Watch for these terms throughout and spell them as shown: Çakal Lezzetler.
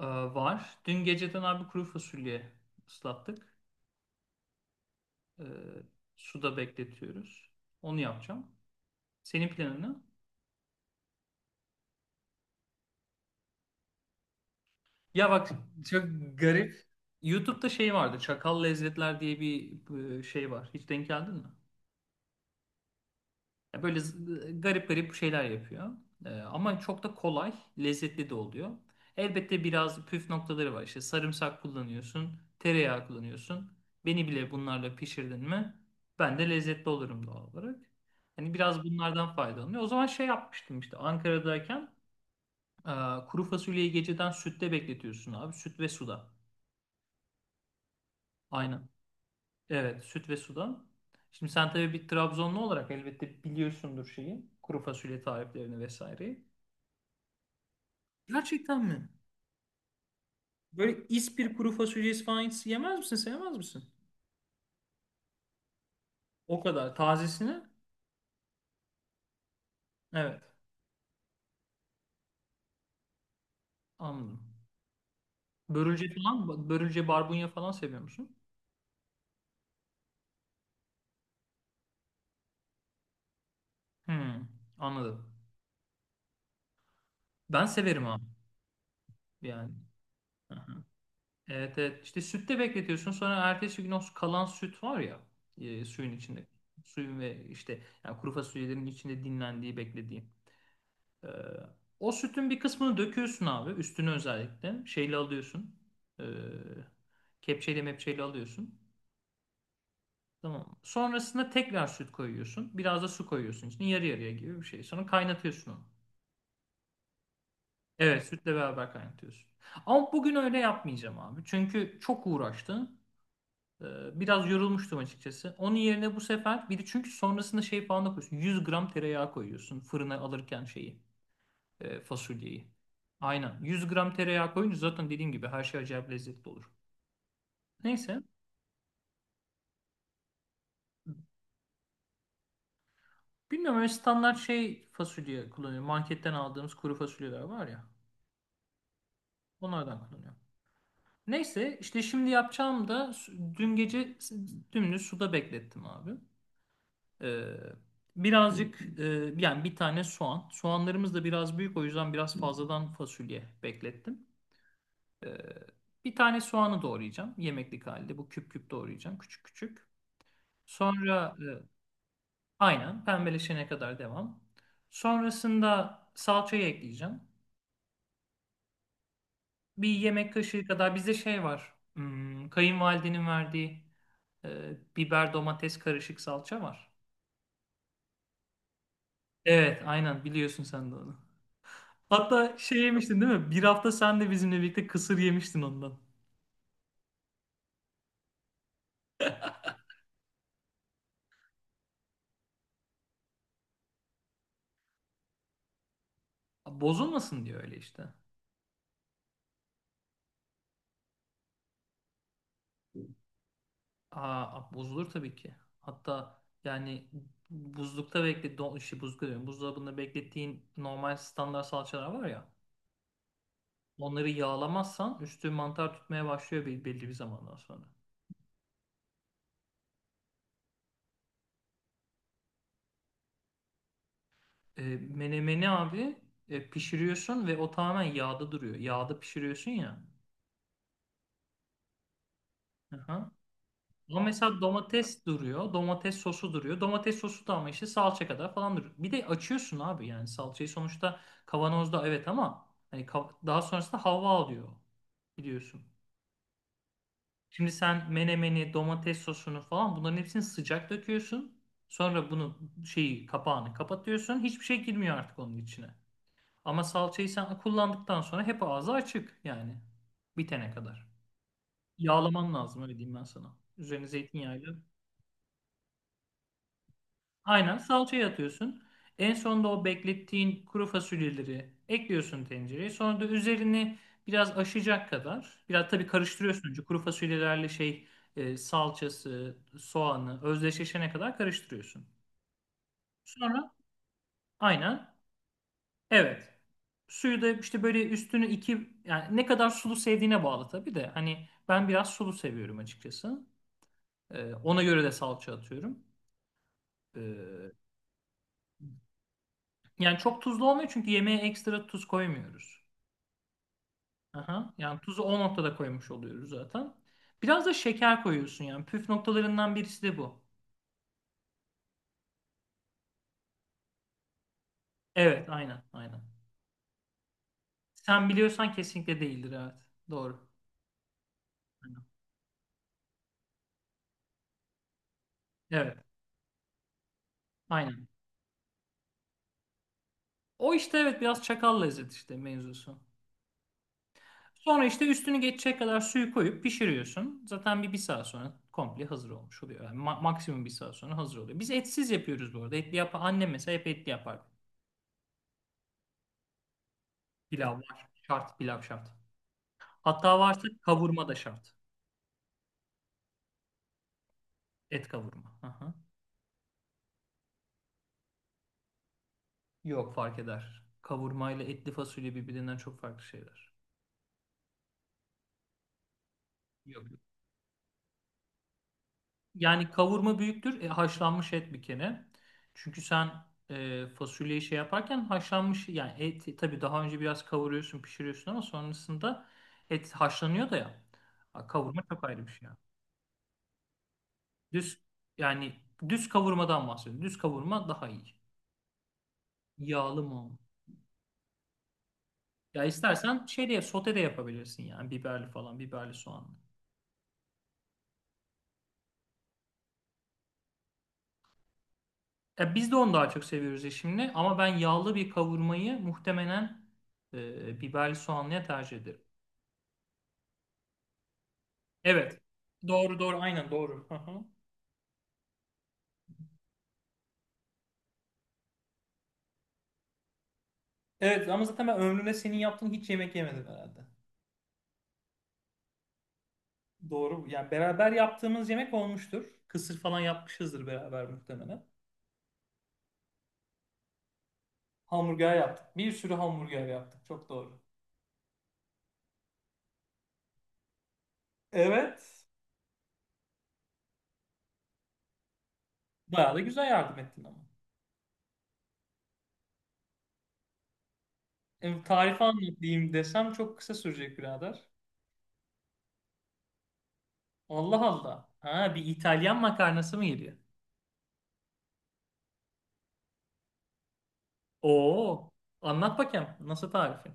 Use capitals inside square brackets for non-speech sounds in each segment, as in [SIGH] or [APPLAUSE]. Var. Dün geceden abi kuru fasulye ıslattık. Ee, Suda bekletiyoruz. Onu yapacağım. Senin planın ne? Ya bak çok garip. YouTube'da şey vardı. Çakal Lezzetler diye bir şey var. Hiç denk geldin mi? Ya böyle garip garip şeyler yapıyor. Ama çok da kolay, lezzetli de oluyor. Elbette biraz püf noktaları var. İşte sarımsak kullanıyorsun, tereyağı kullanıyorsun. Beni bile bunlarla pişirdin mi, ben de lezzetli olurum doğal olarak. Hani biraz bunlardan faydalanıyor. O zaman şey yapmıştım işte Ankara'dayken e, kuru fasulyeyi geceden sütte bekletiyorsun abi. Süt ve suda. Aynen. Evet, süt ve suda. Şimdi sen tabii bir Trabzonlu olarak elbette biliyorsundur şeyi. Kuru fasulye tariflerini vesaire. Gerçekten mi? Böyle ispir kuru fasulyesi falan hiç yemez misin? Sevmez misin? O kadar. Tazesini? Evet. Anladım. Börülce falan, börülce barbunya falan seviyor musun? Hmm, Anladım. Ben severim abi. Yani. Aha. Evet evet. İşte sütte bekletiyorsun. Sonra ertesi gün o kalan süt var ya, suyun içinde. Suyun ve işte yani kuru fasulyelerin içinde dinlendiği, beklediği. Ee, O sütün bir kısmını döküyorsun abi. Üstünü özellikle. Şeyle alıyorsun. Ee, Kepçeyle mepçeyle alıyorsun. Tamam. Sonrasında tekrar süt koyuyorsun. Biraz da su koyuyorsun içine. Yarı yarıya gibi bir şey. Sonra kaynatıyorsun onu. Evet, sütle beraber kaynatıyorsun. Ama bugün öyle yapmayacağım abi. Çünkü çok uğraştım. Biraz yorulmuştum açıkçası. Onun yerine bu sefer bir de çünkü sonrasında şey falan da koyuyorsun. 100 gram tereyağı koyuyorsun fırına alırken şeyi. Fasulyeyi. Aynen. 100 gram tereyağı koyunca zaten dediğim gibi her şey acayip lezzetli olur. Neyse. Bilmiyorum, öyle standart şey fasulye kullanıyorum. Marketten aldığımız kuru fasulyeler var ya. Onlardan kullanıyorum. Neyse işte, şimdi yapacağım da dün gece dümdüz suda beklettim abi. Ee, Birazcık yani bir tane soğan. Soğanlarımız da biraz büyük, o yüzden biraz fazladan fasulye beklettim. Ee, Bir tane soğanı doğrayacağım yemeklik halde. Bu küp küp doğrayacağım, küçük küçük. Sonra aynen, pembeleşene kadar devam. Sonrasında salçayı ekleyeceğim. Bir yemek kaşığı kadar bizde şey var. Kayınvalidenin verdiği biber domates karışık salça var. Evet, aynen, biliyorsun sen de onu. Hatta şey yemiştin değil mi? Bir hafta sen de bizimle birlikte kısır yemiştin ondan. Bozulmasın diyor öyle işte. Aa, bozulur tabii ki. Hatta yani buzlukta bekle, don, işte buzlukta diyorum, buzdolabında beklettiğin normal standart salçalar var ya. Onları yağlamazsan üstü mantar tutmaya başlıyor belli bir zamandan sonra. Menemeni abi pişiriyorsun ve o tamamen yağda duruyor. Yağda pişiriyorsun ya. Aha. Ama mesela domates duruyor. Domates sosu duruyor. Domates sosu da ama işte salça kadar falan duruyor. Bir de açıyorsun abi, yani salçayı sonuçta kavanozda, evet, ama hani daha sonrasında hava alıyor biliyorsun. Şimdi sen menemeni, domates sosunu falan, bunların hepsini sıcak döküyorsun. Sonra bunu, şeyi, kapağını kapatıyorsun. Hiçbir şey girmiyor artık onun içine. Ama salçayı sen kullandıktan sonra hep ağzı açık yani. Bitene kadar. Yağlaman lazım, öyle diyeyim ben sana. Üzerine zeytinyağıyla. Aynen, salçayı atıyorsun. En sonda o beklettiğin kuru fasulyeleri ekliyorsun tencereye. Sonra da üzerini biraz aşacak kadar, biraz tabii karıştırıyorsun önce kuru fasulyelerle şey, salçası, soğanı özdeşleşene kadar karıştırıyorsun. Sonra aynen, evet. Suyu da işte böyle üstünü iki, yani ne kadar sulu sevdiğine bağlı tabii de. Hani ben biraz sulu seviyorum açıkçası. Ona göre de salça atıyorum. E, Yani çok tuzlu olmuyor çünkü yemeğe ekstra tuz koymuyoruz. Aha. Yani tuzu o noktada koymuş oluyoruz zaten. Biraz da şeker koyuyorsun yani. Püf noktalarından birisi de bu. Evet, aynen, aynen. Sen biliyorsan kesinlikle değildir, evet. Doğru. Aynen. Evet, aynen. O işte, evet, biraz çakal lezzet işte mevzusu. Sonra işte üstünü geçecek kadar suyu koyup pişiriyorsun. Zaten bir saat sonra komple hazır olmuş oluyor. Yani maksimum bir saat sonra hazır oluyor. Biz etsiz yapıyoruz bu arada. Etli yap, annem mesela hep etli yapar. Pilav var. Şart, pilav şart. Hatta varsa kavurma da şart. Et kavurma. Aha. Yok, fark eder. Kavurma ile etli fasulye birbirinden çok farklı şeyler. Yok, yok. Yani kavurma büyüktür. Haşlanmış et bir kere. Çünkü sen fasulyeyi şey yaparken haşlanmış, yani et tabii daha önce biraz kavuruyorsun, pişiriyorsun ama sonrasında et haşlanıyor da ya. Ha, kavurma çok ayrı bir şey. Yani düz, yani düz kavurmadan bahsediyorum. Düz kavurma daha iyi. Yağlı mı? Ya istersen şey de, sote de yapabilirsin yani, biberli falan, biberli soğanlı. Ya biz de onu daha çok seviyoruz eşimle, ama ben yağlı bir kavurmayı muhtemelen biberli soğanlıya tercih ederim. Evet. Doğru, doğru, aynen doğru. Hı hı. Evet, ama zaten ben ömrümde senin yaptığın hiç yemek yemedim herhalde. Doğru. Yani beraber yaptığımız yemek olmuştur. Kısır falan yapmışızdır beraber muhtemelen. Hamburger yaptık. Bir sürü hamburger yaptık. Çok doğru. Evet. Bayağı da güzel yardım ettin ama. Tarifi anlatayım desem çok kısa sürecek birader. Allah Allah. Ha, bir İtalyan makarnası mı geliyor? Oo. Anlat bakayım. Nasıl tarifin?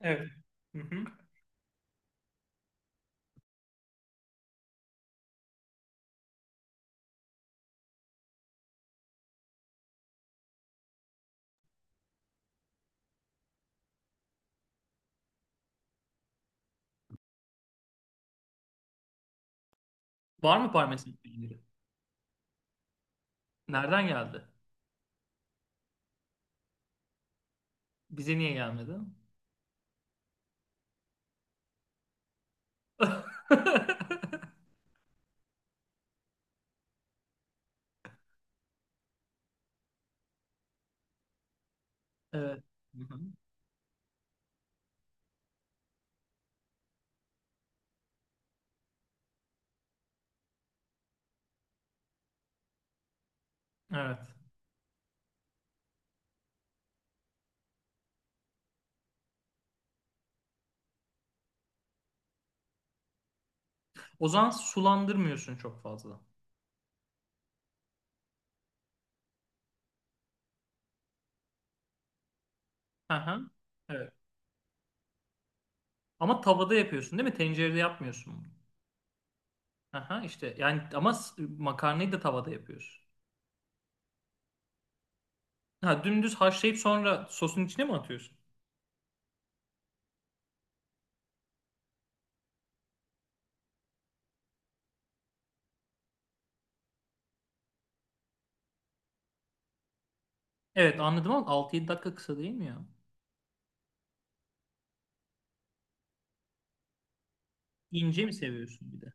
Evet. Hı hı. Var mı parmesan peyniri? Nereden geldi? Bize niye gelmedi? [LAUGHS] Evet. Hı hı. Evet. O zaman sulandırmıyorsun çok fazla. Hı hı. Evet. Ama tavada yapıyorsun değil mi? Tencerede yapmıyorsun bunu. Hı hı, işte yani ama makarnayı da tavada yapıyorsun. Ha, dümdüz haşlayıp sonra sosun içine mi atıyorsun? Evet, anladım, ama 6-7 dakika kısa değil mi ya? İnce mi seviyorsun bir de?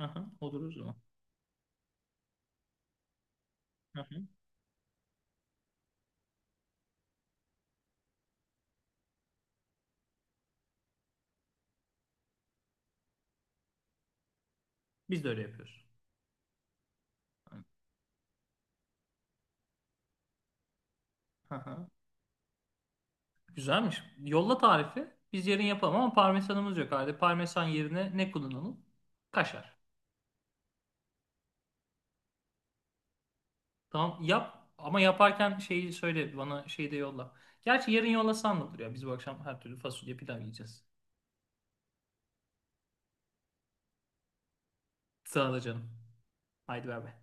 Hı hı, olur o zaman. Biz de öyle yapıyoruz. Hı hı. Güzelmiş. Yolla tarifi. Biz yarın yapalım ama parmesanımız yok. Hadi, parmesan yerine ne kullanalım? Kaşar. Tamam, yap, ama yaparken şeyi söyle bana, şeyi de yolla. Gerçi yarın yollasan da olur ya. Biz bu akşam her türlü fasulye pilav yiyeceğiz. Sağ ol canım. Haydi ver be.